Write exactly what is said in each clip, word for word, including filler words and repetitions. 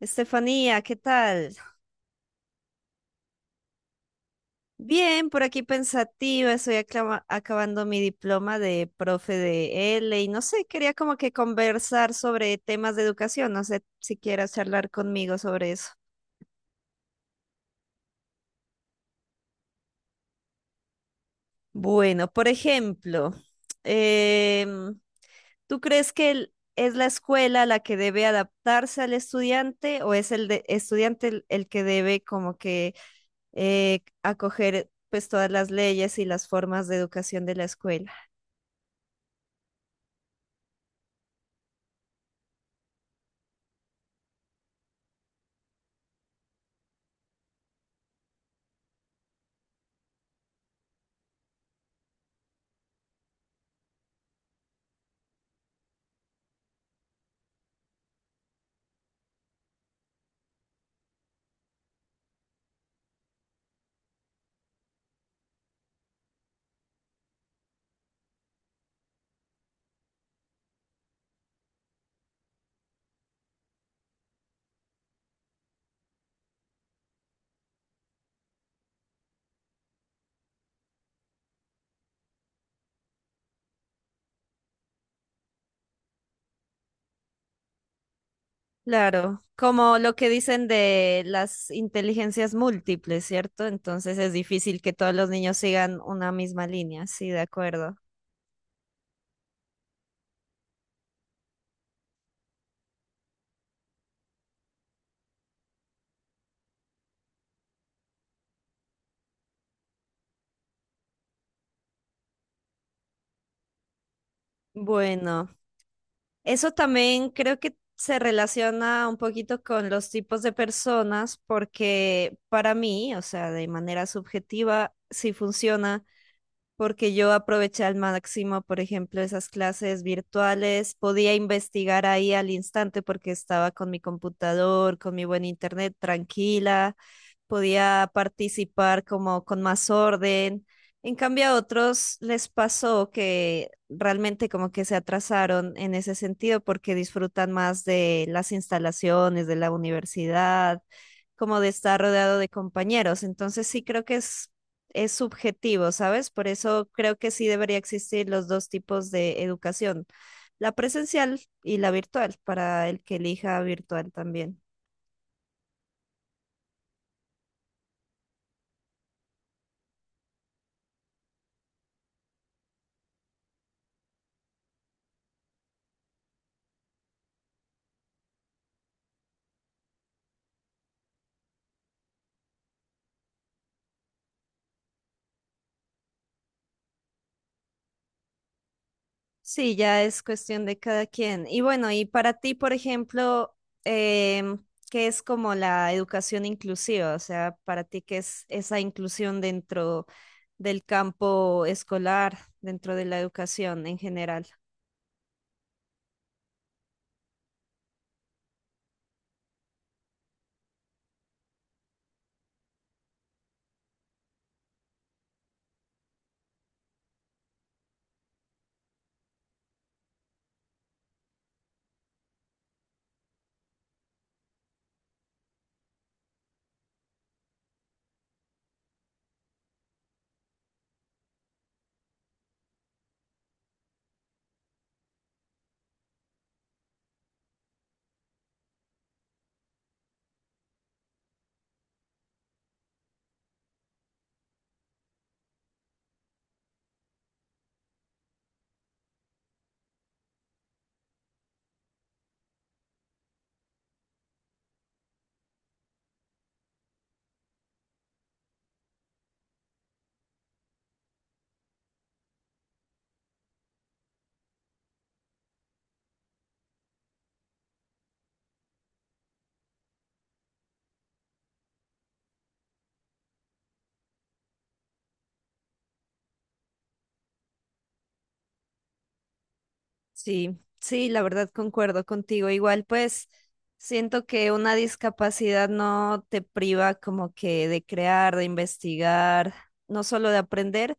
Estefanía, ¿qué tal? Bien, por aquí pensativa, estoy aclama- acabando mi diploma de profe de L y no sé, quería como que conversar sobre temas de educación, no sé si quieras charlar conmigo sobre eso. Bueno, por ejemplo, em, ¿tú crees que el- es la escuela la que debe adaptarse al estudiante o es el de- estudiante el, el que debe como que eh, acoger pues todas las leyes y las formas de educación de la escuela? Claro, como lo que dicen de las inteligencias múltiples, ¿cierto? Entonces es difícil que todos los niños sigan una misma línea, sí, de acuerdo. Bueno, eso también creo que se relaciona un poquito con los tipos de personas, porque para mí, o sea, de manera subjetiva, sí funciona porque yo aproveché al máximo, por ejemplo, esas clases virtuales, podía investigar ahí al instante porque estaba con mi computador, con mi buen internet tranquila, podía participar como con más orden. En cambio, a otros les pasó que realmente como que se atrasaron en ese sentido porque disfrutan más de las instalaciones de la universidad, como de estar rodeado de compañeros. Entonces sí creo que es es subjetivo, ¿sabes? Por eso creo que sí debería existir los dos tipos de educación, la presencial y la virtual, para el que elija virtual también. Sí, ya es cuestión de cada quien. Y bueno, y para ti, por ejemplo, em, ¿qué es como la educación inclusiva? O sea, para ti, ¿qué es esa inclusión dentro del campo escolar, dentro de la educación en general? Sí, sí, la verdad concuerdo contigo. Igual, pues siento que una discapacidad no te priva como que de crear, de investigar, no solo de aprender,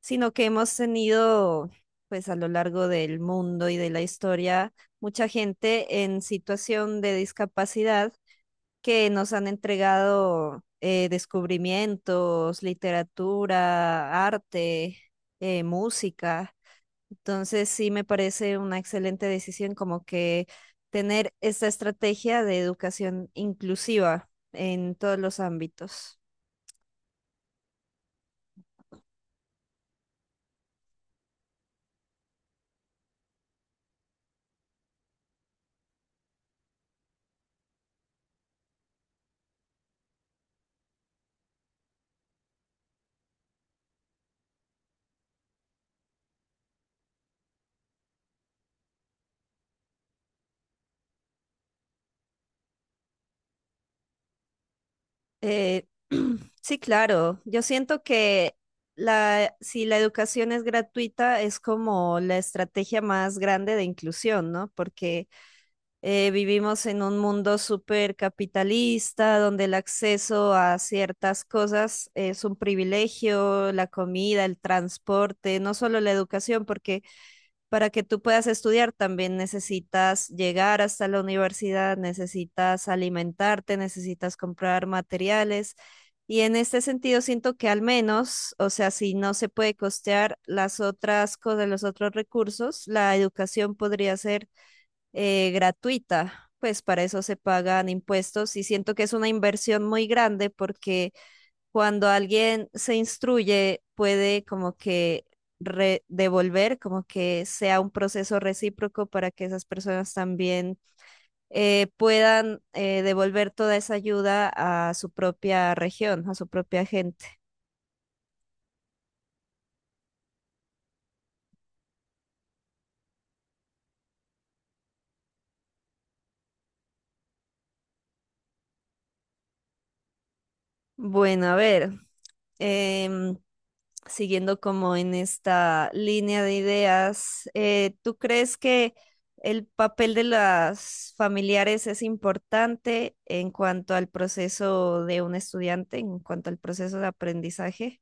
sino que hemos tenido, pues a lo largo del mundo y de la historia, mucha gente en situación de discapacidad que nos han entregado eh, descubrimientos, literatura, arte, eh, música. Entonces sí me parece una excelente decisión como que tener esta estrategia de educación inclusiva en todos los ámbitos. Eh, sí, claro, yo siento que la, si la educación es gratuita es como la estrategia más grande de inclusión, ¿no? Porque eh, vivimos en un mundo súper capitalista, donde el acceso a ciertas cosas es un privilegio, la comida, el transporte, no solo la educación, porque para que tú puedas estudiar también necesitas llegar hasta la universidad, necesitas alimentarte, necesitas comprar materiales. Y en este sentido siento que al menos, o sea, si no se puede costear las otras cosas, los otros recursos, la educación podría ser eh, gratuita, pues para eso se pagan impuestos y siento que es una inversión muy grande porque cuando alguien se instruye puede como que re- devolver, como que sea un proceso recíproco para que esas personas también eh, puedan eh, devolver toda esa ayuda a su propia región, a su propia gente. Bueno, a ver. em, Siguiendo como en esta línea de ideas, eh, ¿tú crees que el papel de las familiares es importante en cuanto al proceso de un estudiante, en cuanto al proceso de aprendizaje?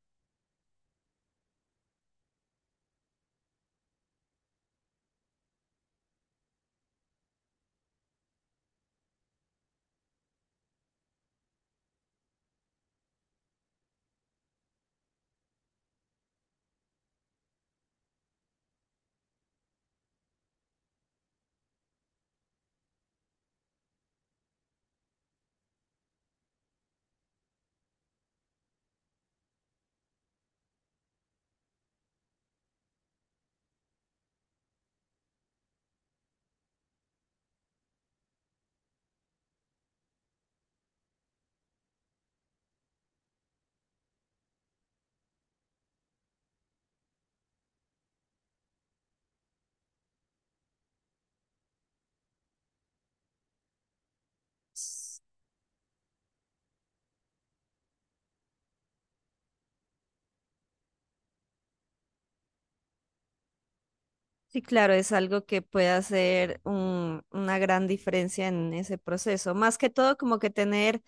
Sí, claro, es algo que puede hacer un- una gran diferencia en ese proceso. Más que todo, como que tener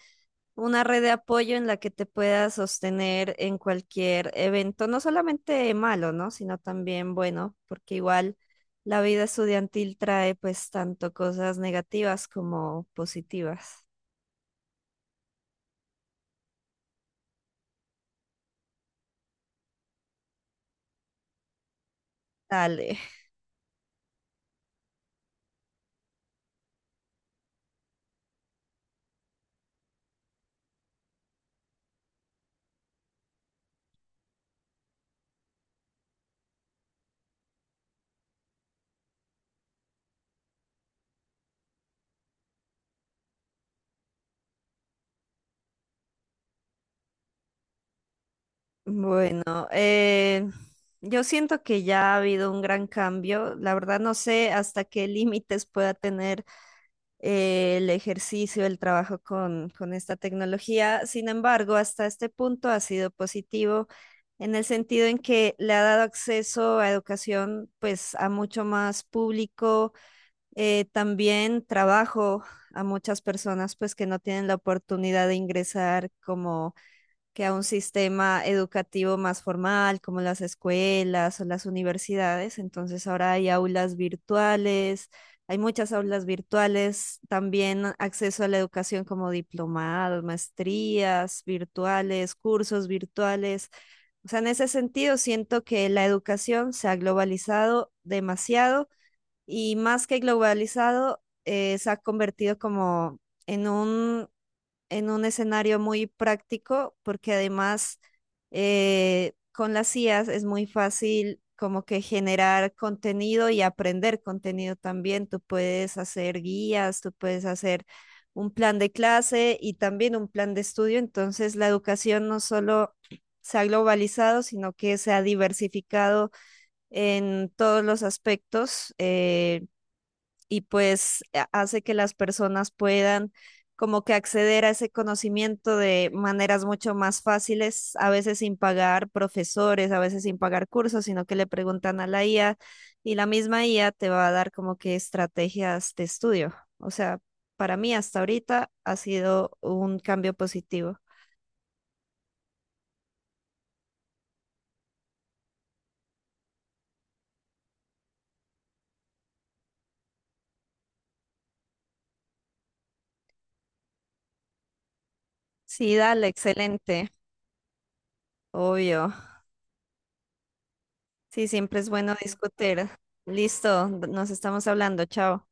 una red de apoyo en la que te puedas sostener en cualquier evento, no solamente malo, ¿no? Sino también bueno, porque igual la vida estudiantil trae pues tanto cosas negativas como positivas. Dale. Bueno, eh, yo siento que ya ha habido un gran cambio. La verdad no sé hasta qué límites pueda tener eh, el ejercicio, el trabajo con, con esta tecnología. Sin embargo, hasta este punto ha sido positivo en el sentido en que le ha dado acceso a educación pues a mucho más público, eh, también trabajo a muchas personas pues que no tienen la oportunidad de ingresar como que a un sistema educativo más formal, como las escuelas o las universidades. Entonces ahora hay aulas virtuales, hay muchas aulas virtuales, también acceso a la educación como diplomados, maestrías virtuales, cursos virtuales. O sea, en ese sentido siento que la educación se ha globalizado demasiado y más que globalizado, eh, se ha convertido como en un en un escenario muy práctico, porque además eh, con las I As es muy fácil como que generar contenido y aprender contenido también. Tú puedes hacer guías, tú puedes hacer un plan de clase y también un plan de estudio. Entonces la educación no solo se ha globalizado, sino que se ha diversificado en todos los aspectos. Eh, y pues a- hace que las personas puedan como que acceder a ese conocimiento de maneras mucho más fáciles, a veces sin pagar profesores, a veces sin pagar cursos, sino que le preguntan a la I A y la misma I A te va a dar como que estrategias de estudio. O sea, para mí hasta ahorita ha sido un cambio positivo. Sí, dale, excelente, obvio. Sí, siempre es bueno discutir. Listo, nos estamos hablando, chao.